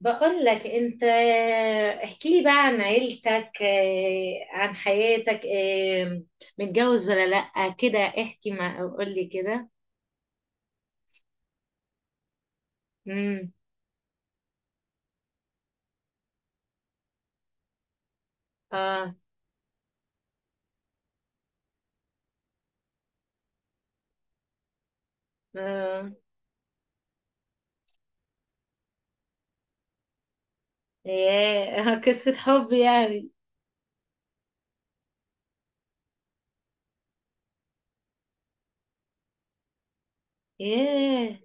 بقول لك انت، احكي لي بقى عن عيلتك، عن حياتك، متجوز ولا لأ كده؟ احكي، مع قول لي كده. امم اه. اه. ياه قصة حب يعني. ياه.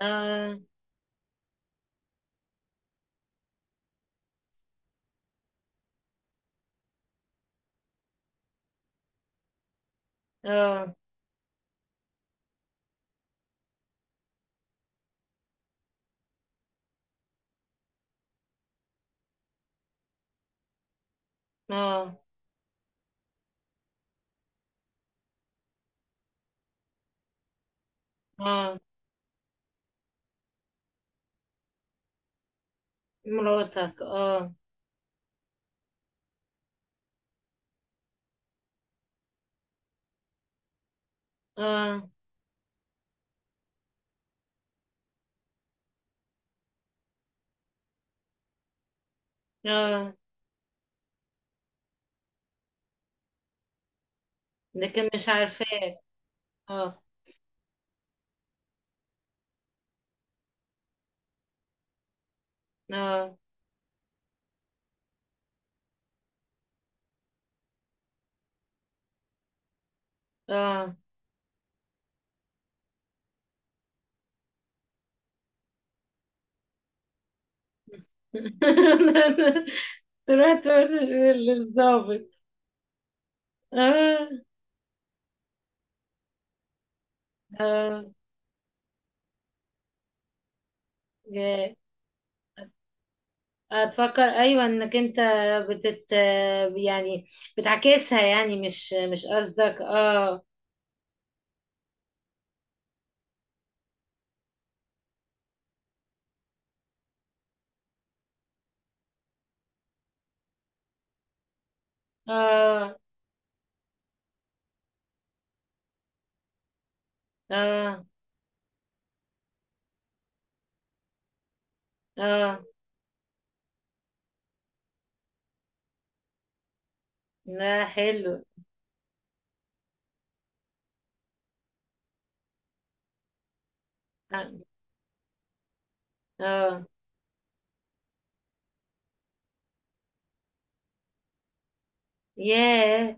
اه. اه. اه. اه. مراتك، اه. اه. اه. لكن مش عارفاه. اه. اه. اه. تروح تقول للظابط. اه. اه. جا- هتفكر ايوه انك انت بتت، يعني بتعكسها يعني، مش قصدك. اه. اه. اه. اه. لا، حلو. اه. آه. ياه.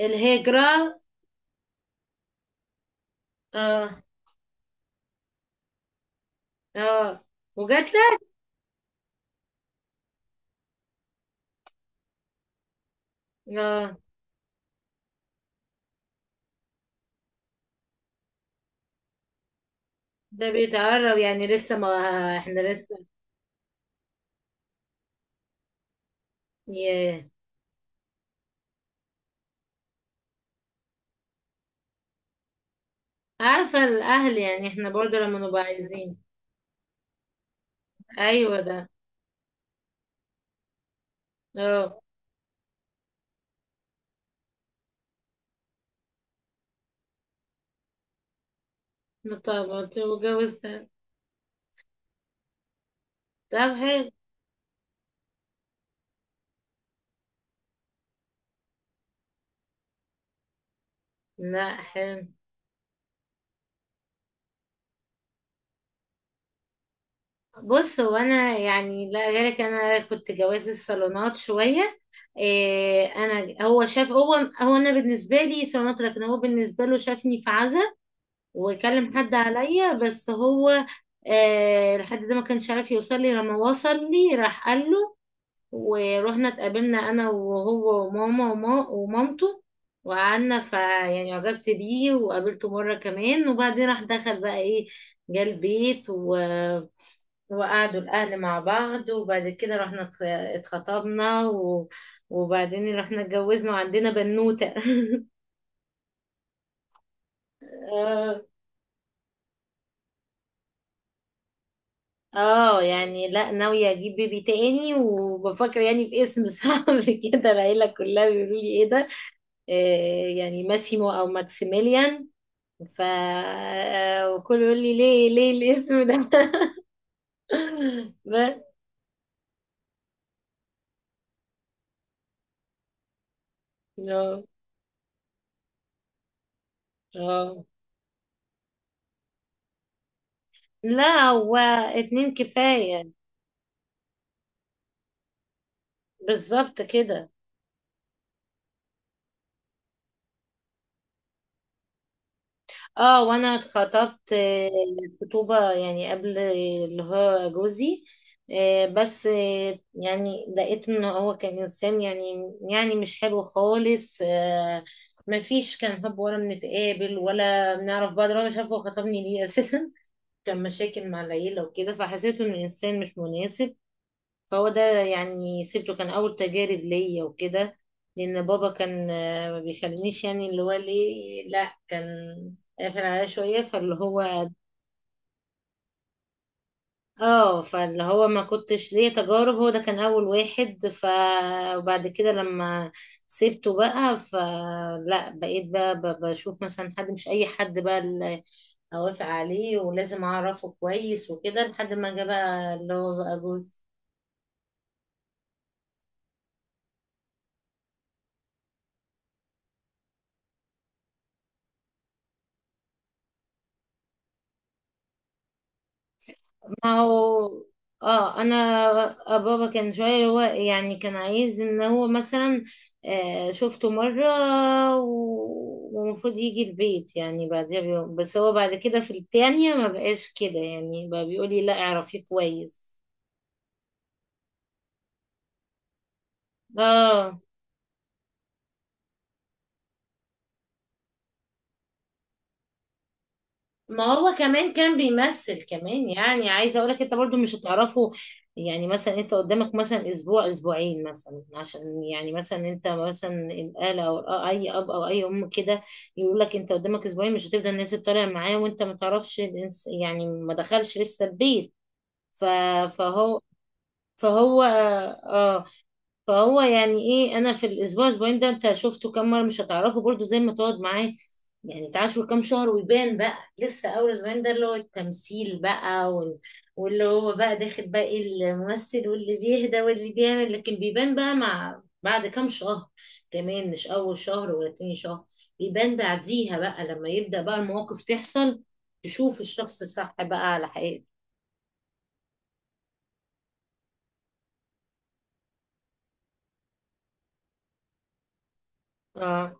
الهجرة. اه. اه. وجات لك؟ اه، ده بيتقرب يعني لسه ما، احنا لسه. ياه. عارفة الأهل يعني، احنا برضه لما نبقى عايزين. أيوة ده. اه. طب وجوزت؟ طب حلو. لا، حلو. بص، هو انا يعني لا غيرك، انا كنت جواز الصالونات شويه. إيه، انا هو شاف، هو هو انا بالنسبه لي صالونات، لكن هو بالنسبه له شافني في عزا وكلم حد عليا، بس هو إيه الحد ده ما كانش عارف يوصل لي. لما وصل لي راح قال له، ورحنا اتقابلنا انا وهو وماما ومامته، وقعدنا. فيعني عجبت بيه، وقابلته مره كمان، وبعدين راح دخل بقى ايه، جه البيت، وقعدوا الأهل مع بعض، وبعد كده رحنا اتخطبنا، و... وبعدين رحنا اتجوزنا، وعندنا بنوتة اه. آه، يعني لا، ناوية أجيب بيبي تاني، وبفكر يعني في اسم صعب كده، العيلة كلها بيقولوا لي إيه ده. آه، يعني ماسيمو أو ماكسيميليان. ف آه، وكله يقول لي ليه، ليه الاسم ده؟ بس. اه. آه. لا، هو اتنين كفاية. بالظبط كده. اه، وانا خطبت، خطوبة يعني قبل اللي هو جوزي، آه، بس آه، يعني لقيت ان هو كان انسان يعني، يعني مش حلو خالص. آه، مفيش، كان حب ولا بنتقابل ولا بنعرف بعض، ولا مش عارفه هو خطبني ليه اساسا. كان مشاكل مع العيلة وكده، فحسيت انه انسان مش مناسب. فهو ده يعني سيبته، كان أول تجارب ليا وكده. لأن بابا كان، آه، ما بيخلينيش، يعني اللي هو ليه، لا كان قافل عليا شوية، فاللي هو اه، فاللي هو ما كنتش ليه تجارب، هو ده كان أول واحد. وبعد كده لما سيبته بقى، فلا بقيت بقى بشوف مثلا حد، مش أي حد بقى اللي أوافق عليه، ولازم أعرفه كويس وكده، لحد ما جه بقى اللي هو بقى جوز. ما هو اه، انا بابا كان شويه هو يعني، كان عايز ان هو مثلا، آه، شفته مره، ومفروض يجي البيت يعني بعديها بيوم، بس هو بعد كده في التانية ما بقاش كده، يعني بقى بيقولي لا، اعرفيه كويس. اه، ما هو كمان كان بيمثل كمان، يعني عايزه اقولك انت برضو مش هتعرفه. يعني مثلا انت قدامك مثلا اسبوع اسبوعين مثلا، عشان يعني مثلا انت مثلا الاله او اي اب او اي ام كده، يقول لك انت قدامك اسبوعين، مش هتبدا الناس تطالع معاه وانت ما تعرفش يعني ما دخلش لسه البيت. ف- فهو فهو اه، فهو يعني ايه، انا في الاسبوع اسبوعين ده انت شفته كام مره، مش هتعرفه برضو زي ما تقعد معاه. يعني تعاشر كام شهر ويبان بقى. لسه اول اسبوعين ده اللي هو التمثيل بقى، واللي هو بقى داخل بقى إيه، الممثل واللي بيهدى واللي بيعمل. لكن بيبان بقى مع بعد كام شهر، كمان مش اول شهر ولا تاني شهر، بيبان بعديها بقى لما يبدأ بقى المواقف تحصل، تشوف الشخص الصح بقى على حقيقته. اه.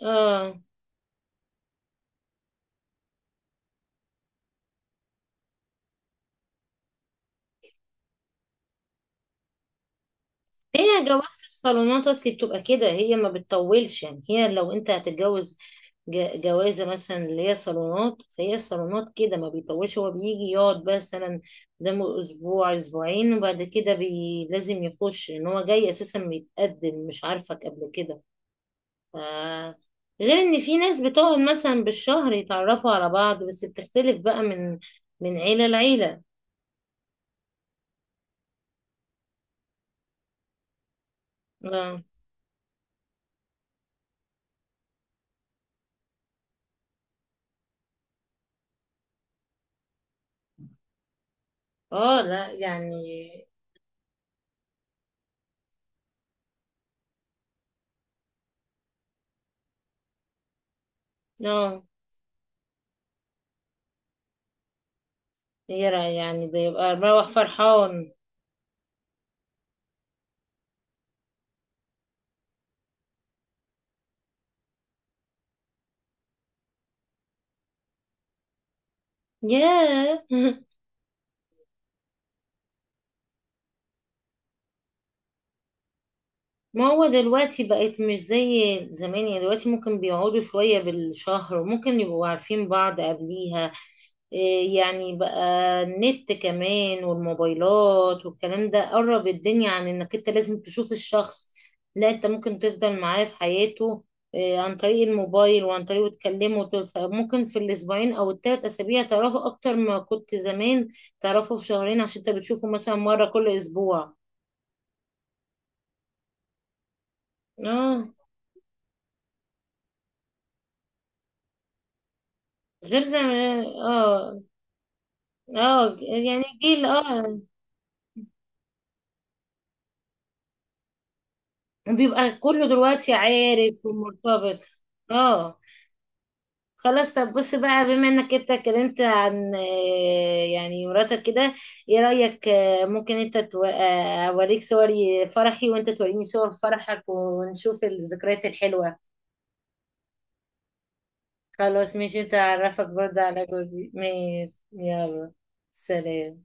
اه. هي جواز الصالونات اصلي بتبقى كده، هي ما بتطولش يعني. هي لو انت هتتجوز جوازه مثلا اللي هي صالونات، فهي الصالونات كده ما بيطولش. هو بيجي يقعد مثلا قدامه اسبوع اسبوعين، وبعد كده بي، لازم يخش ان هو جاي اساسا بيتقدم، مش عارفك قبل كده. ف، غير ان في ناس بتقعد مثلا بالشهر يتعرفوا على بعض، بس بتختلف بقى من من عيله لعيله. اه. اه. لا يعني. اه، يرى يعني ده يبقى مروح فرحان. ياه ما هو دلوقتي بقت مش زي زمان، يعني دلوقتي ممكن بيقعدوا شوية بالشهر وممكن يبقوا عارفين بعض قبليها. إيه يعني بقى، النت كمان والموبايلات والكلام ده قرب الدنيا، عن انك انت لازم تشوف الشخص، لا انت ممكن تفضل معاه في حياته إيه عن طريق الموبايل، وعن طريقه تكلمه. ممكن في الاسبوعين او 3 اسابيع تعرفوا اكتر ما كنت زمان تعرفوا في شهرين، عشان انت بتشوفه مثلا مرة كل اسبوع. اه، غير زمان. اه. اه، يعني الجيل اه، بيبقى كله دلوقتي عارف ومرتبط. اه. خلاص، طب بص بقى، بما انك انت اتكلمت عن آه، يعني مراتك كده، ايه رأيك آه، ممكن انت آه، اوريك صور فرحي وانت توريني صور فرحك، ونشوف الذكريات الحلوة. خلاص ماشي، انت اعرفك برضه على جوزي. ماشي، يلا. سلام.